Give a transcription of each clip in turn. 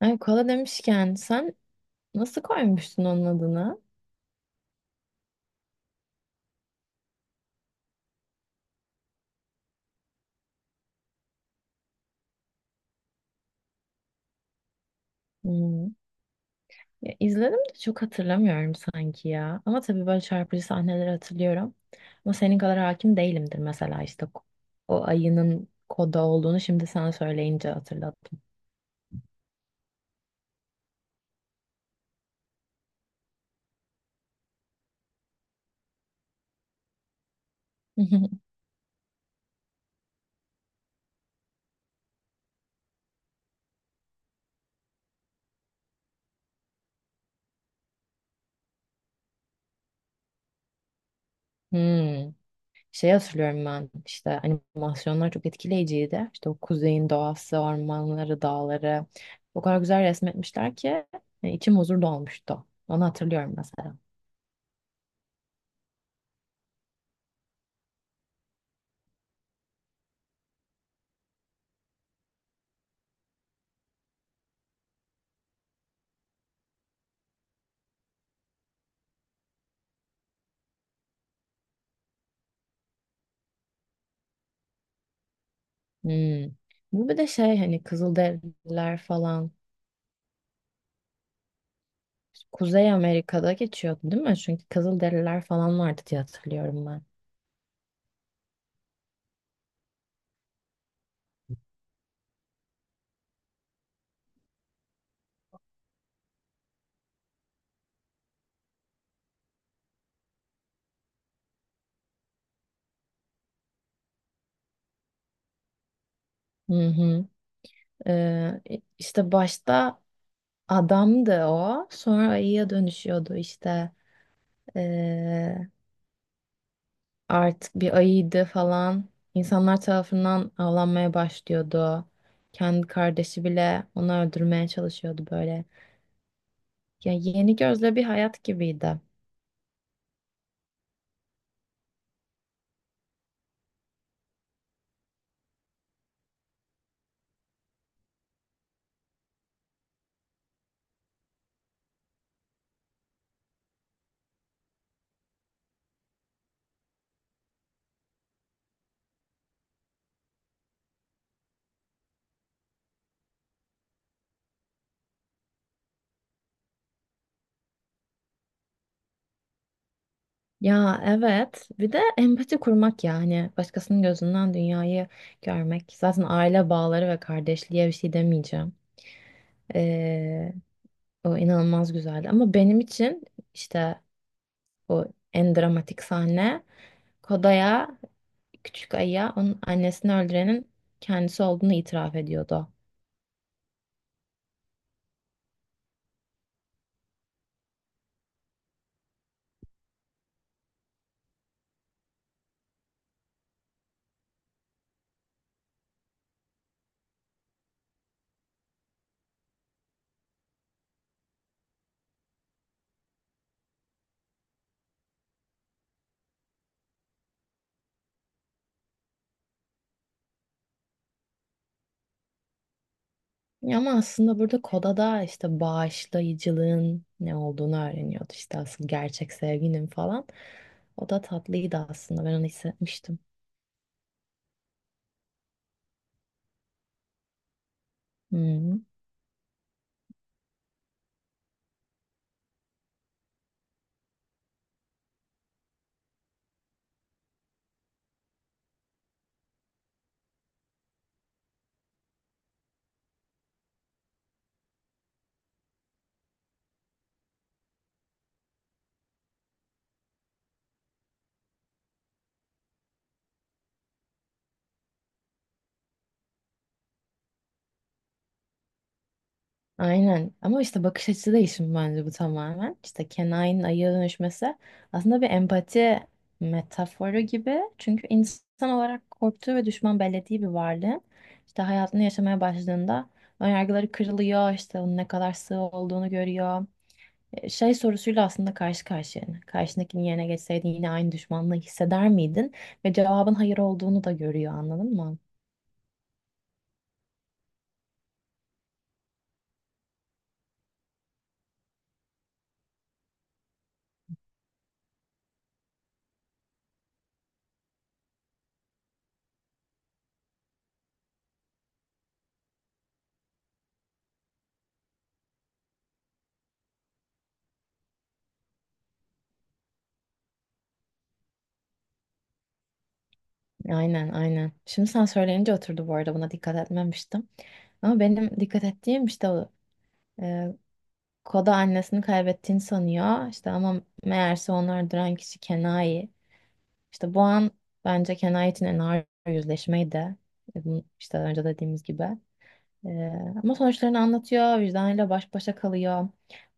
Ay, kola demişken sen nasıl koymuştun onun adını? Hmm. Ya, izledim de çok hatırlamıyorum sanki ya. Ama tabii böyle çarpıcı sahneleri hatırlıyorum. Ama senin kadar hakim değilimdir mesela işte o ayının Koda olduğunu şimdi sana söyleyince hatırladım. Hmm. Şey hatırlıyorum, ben işte animasyonlar çok etkileyiciydi. İşte o kuzeyin doğası, ormanları, dağları o kadar güzel resmetmişler ki içim huzur dolmuştu. Onu hatırlıyorum mesela. Hmm. Bu bir de şey, hani Kızılderililer falan Kuzey Amerika'da geçiyordu değil mi? Çünkü Kızılderililer falan vardı diye hatırlıyorum ben. Hı hı. Ee, işte başta adamdı, o sonra ayıya dönüşüyordu işte. Ee, Artık bir ayıydı falan. İnsanlar tarafından avlanmaya başlıyordu. Kendi kardeşi bile onu öldürmeye çalışıyordu böyle. Ya, yeni gözle bir hayat gibiydi. Ya evet, bir de empati kurmak, yani başkasının gözünden dünyayı görmek. Zaten aile bağları ve kardeşliğe bir şey demeyeceğim. Ee, O inanılmaz güzeldi ama benim için işte o en dramatik sahne, Koda'ya, Küçük Ayı'ya onun annesini öldürenin kendisi olduğunu itiraf ediyordu. Ya ama aslında burada Koda'da işte bağışlayıcılığın ne olduğunu öğreniyordu. İşte asıl gerçek sevginin falan. O da tatlıydı aslında. Ben onu hissetmiştim. Hı. Aynen, ama işte bakış açısı değişimi bence bu tamamen. İşte Kenai'nin ayıya dönüşmesi aslında bir empati metaforu gibi. Çünkü insan olarak korktuğu ve düşman bellediği bir varlığın işte hayatını yaşamaya başladığında önyargıları kırılıyor, işte onun ne kadar sığ olduğunu görüyor. Şey sorusuyla aslında karşı karşıya, yani. Karşındakinin yerine geçseydin yine aynı düşmanlığı hisseder miydin? Ve cevabın hayır olduğunu da görüyor, anladın mı? Aynen, aynen. Şimdi sen söyleyince oturdu, bu arada buna dikkat etmemiştim. Ama benim dikkat ettiğim işte e, Koda annesini kaybettiğini sanıyor. İşte ama meğerse onu öldüren kişi Kenai. İşte bu an bence Kenai için en ağır yüzleşmeyi de, bu işte önce dediğimiz gibi. Ee, Ama sonuçlarını anlatıyor, vicdanıyla baş başa kalıyor.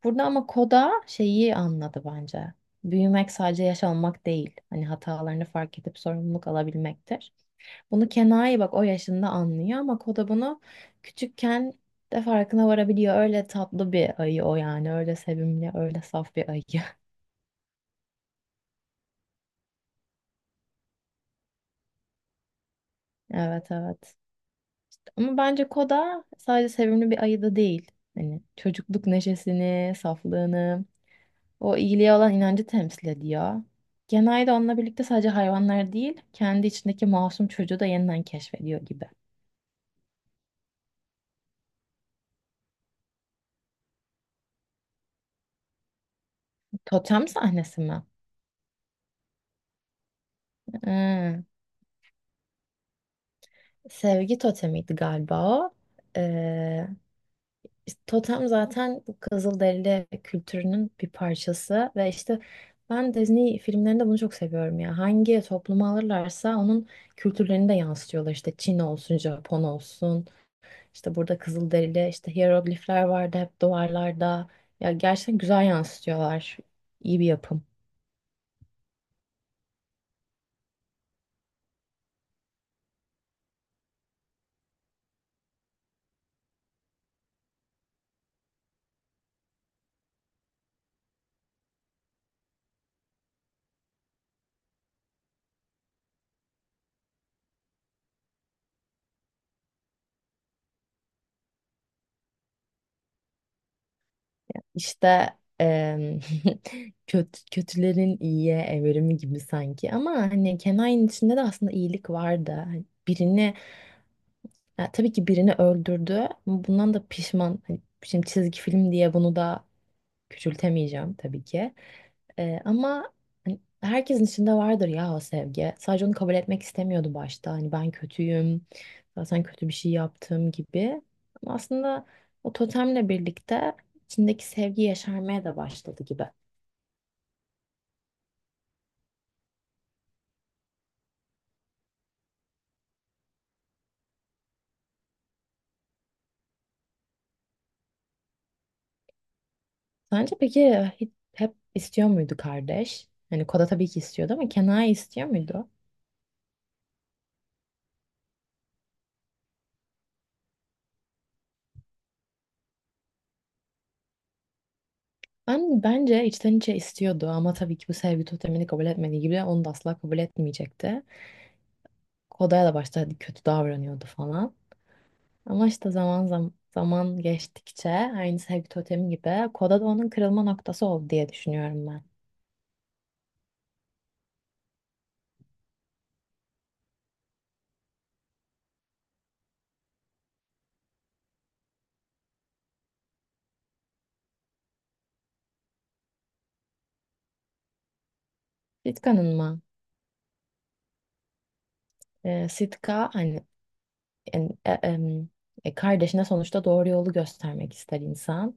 Burada ama Koda şeyi anladı bence. Büyümek sadece yaş almak değil. Hani hatalarını fark edip sorumluluk alabilmektir. Bunu Kenai bak o yaşında anlıyor ama Koda bunu küçükken de farkına varabiliyor. Öyle tatlı bir ayı o, yani. Öyle sevimli, öyle saf bir ayı. Evet, evet. Ama bence Koda sadece sevimli bir ayı da değil. Hani çocukluk neşesini, saflığını, o iyiliğe olan inancı temsil ediyor. Genelde onunla birlikte sadece hayvanlar değil, kendi içindeki masum çocuğu da yeniden keşfediyor gibi. Totem sahnesi mi? Ee, Sevgi totemiydi galiba o. Ee, işte totem zaten bu Kızılderili kültürünün bir parçası ve işte ben Disney filmlerinde bunu çok seviyorum ya. Hangi toplumu alırlarsa onun kültürlerini de yansıtıyorlar. İşte Çin olsun, Japon olsun. İşte burada Kızılderili, işte hiyeroglifler vardı hep duvarlarda. Ya gerçekten güzel yansıtıyorlar. İyi bir yapım. İşte kötü, kötülerin iyiye evrimi gibi sanki. Ama hani Kenai'nin içinde de aslında iyilik vardı. Hani birini, ya tabii ki birini öldürdü. Ama bundan da pişman. Hani şimdi çizgi film diye bunu da küçültemeyeceğim tabii ki. Ama hani herkesin içinde vardır ya o sevgi. Sadece onu kabul etmek istemiyordu başta. Hani ben kötüyüm, zaten kötü bir şey yaptım gibi. Ama aslında o totemle birlikte içindeki sevgi yaşarmaya da başladı gibi. Sence peki hep istiyor muydu kardeş? Hani Koda tabii ki istiyordu ama Kenai istiyor muydu? Ben bence içten içe istiyordu ama tabii ki bu sevgi totemini kabul etmediği gibi onu da asla kabul etmeyecekti. Koda'ya da başta hadi kötü davranıyordu falan. Ama işte zaman zaman, zaman geçtikçe aynı sevgi totemi gibi Koda da onun kırılma noktası oldu diye düşünüyorum ben. Sitka'nın mı? Sitka hani en- e- em, kardeşine sonuçta doğru yolu göstermek ister insan.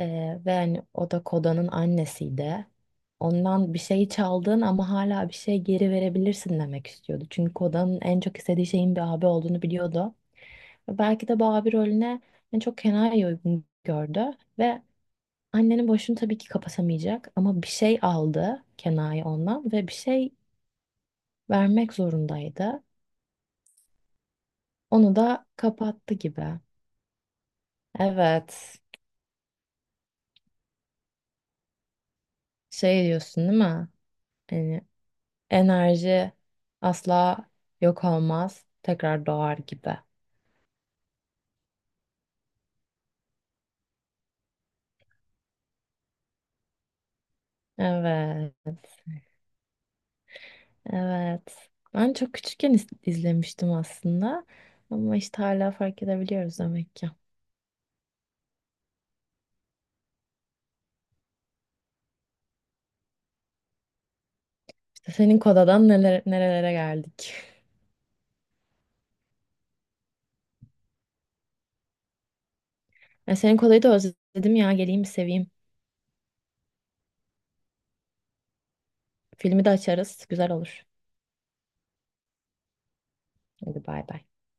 Ve hani o da Koda'nın annesiydi. Ondan bir şey çaldın ama hala bir şey geri verebilirsin demek istiyordu. Çünkü Koda'nın en çok istediği şeyin bir abi olduğunu biliyordu. Belki de bu abi rolüne en çok Kenai'yi uygun gördü. Ve annenin boşluğunu tabii ki kapatamayacak ama bir şey aldı Kenai ondan ve bir şey vermek zorundaydı. Onu da kapattı gibi. Evet. Şey diyorsun değil mi? Yani enerji asla yok olmaz, tekrar doğar gibi. Evet. Evet. Ben çok küçükken izlemiştim aslında ama işte hala fark edebiliyoruz demek ki. İşte senin kodadan neler nerelere geldik. Ya senin kodayı da özledim ya, geleyim bir seveyim. Filmi de açarız. Güzel olur. Hadi bay bay.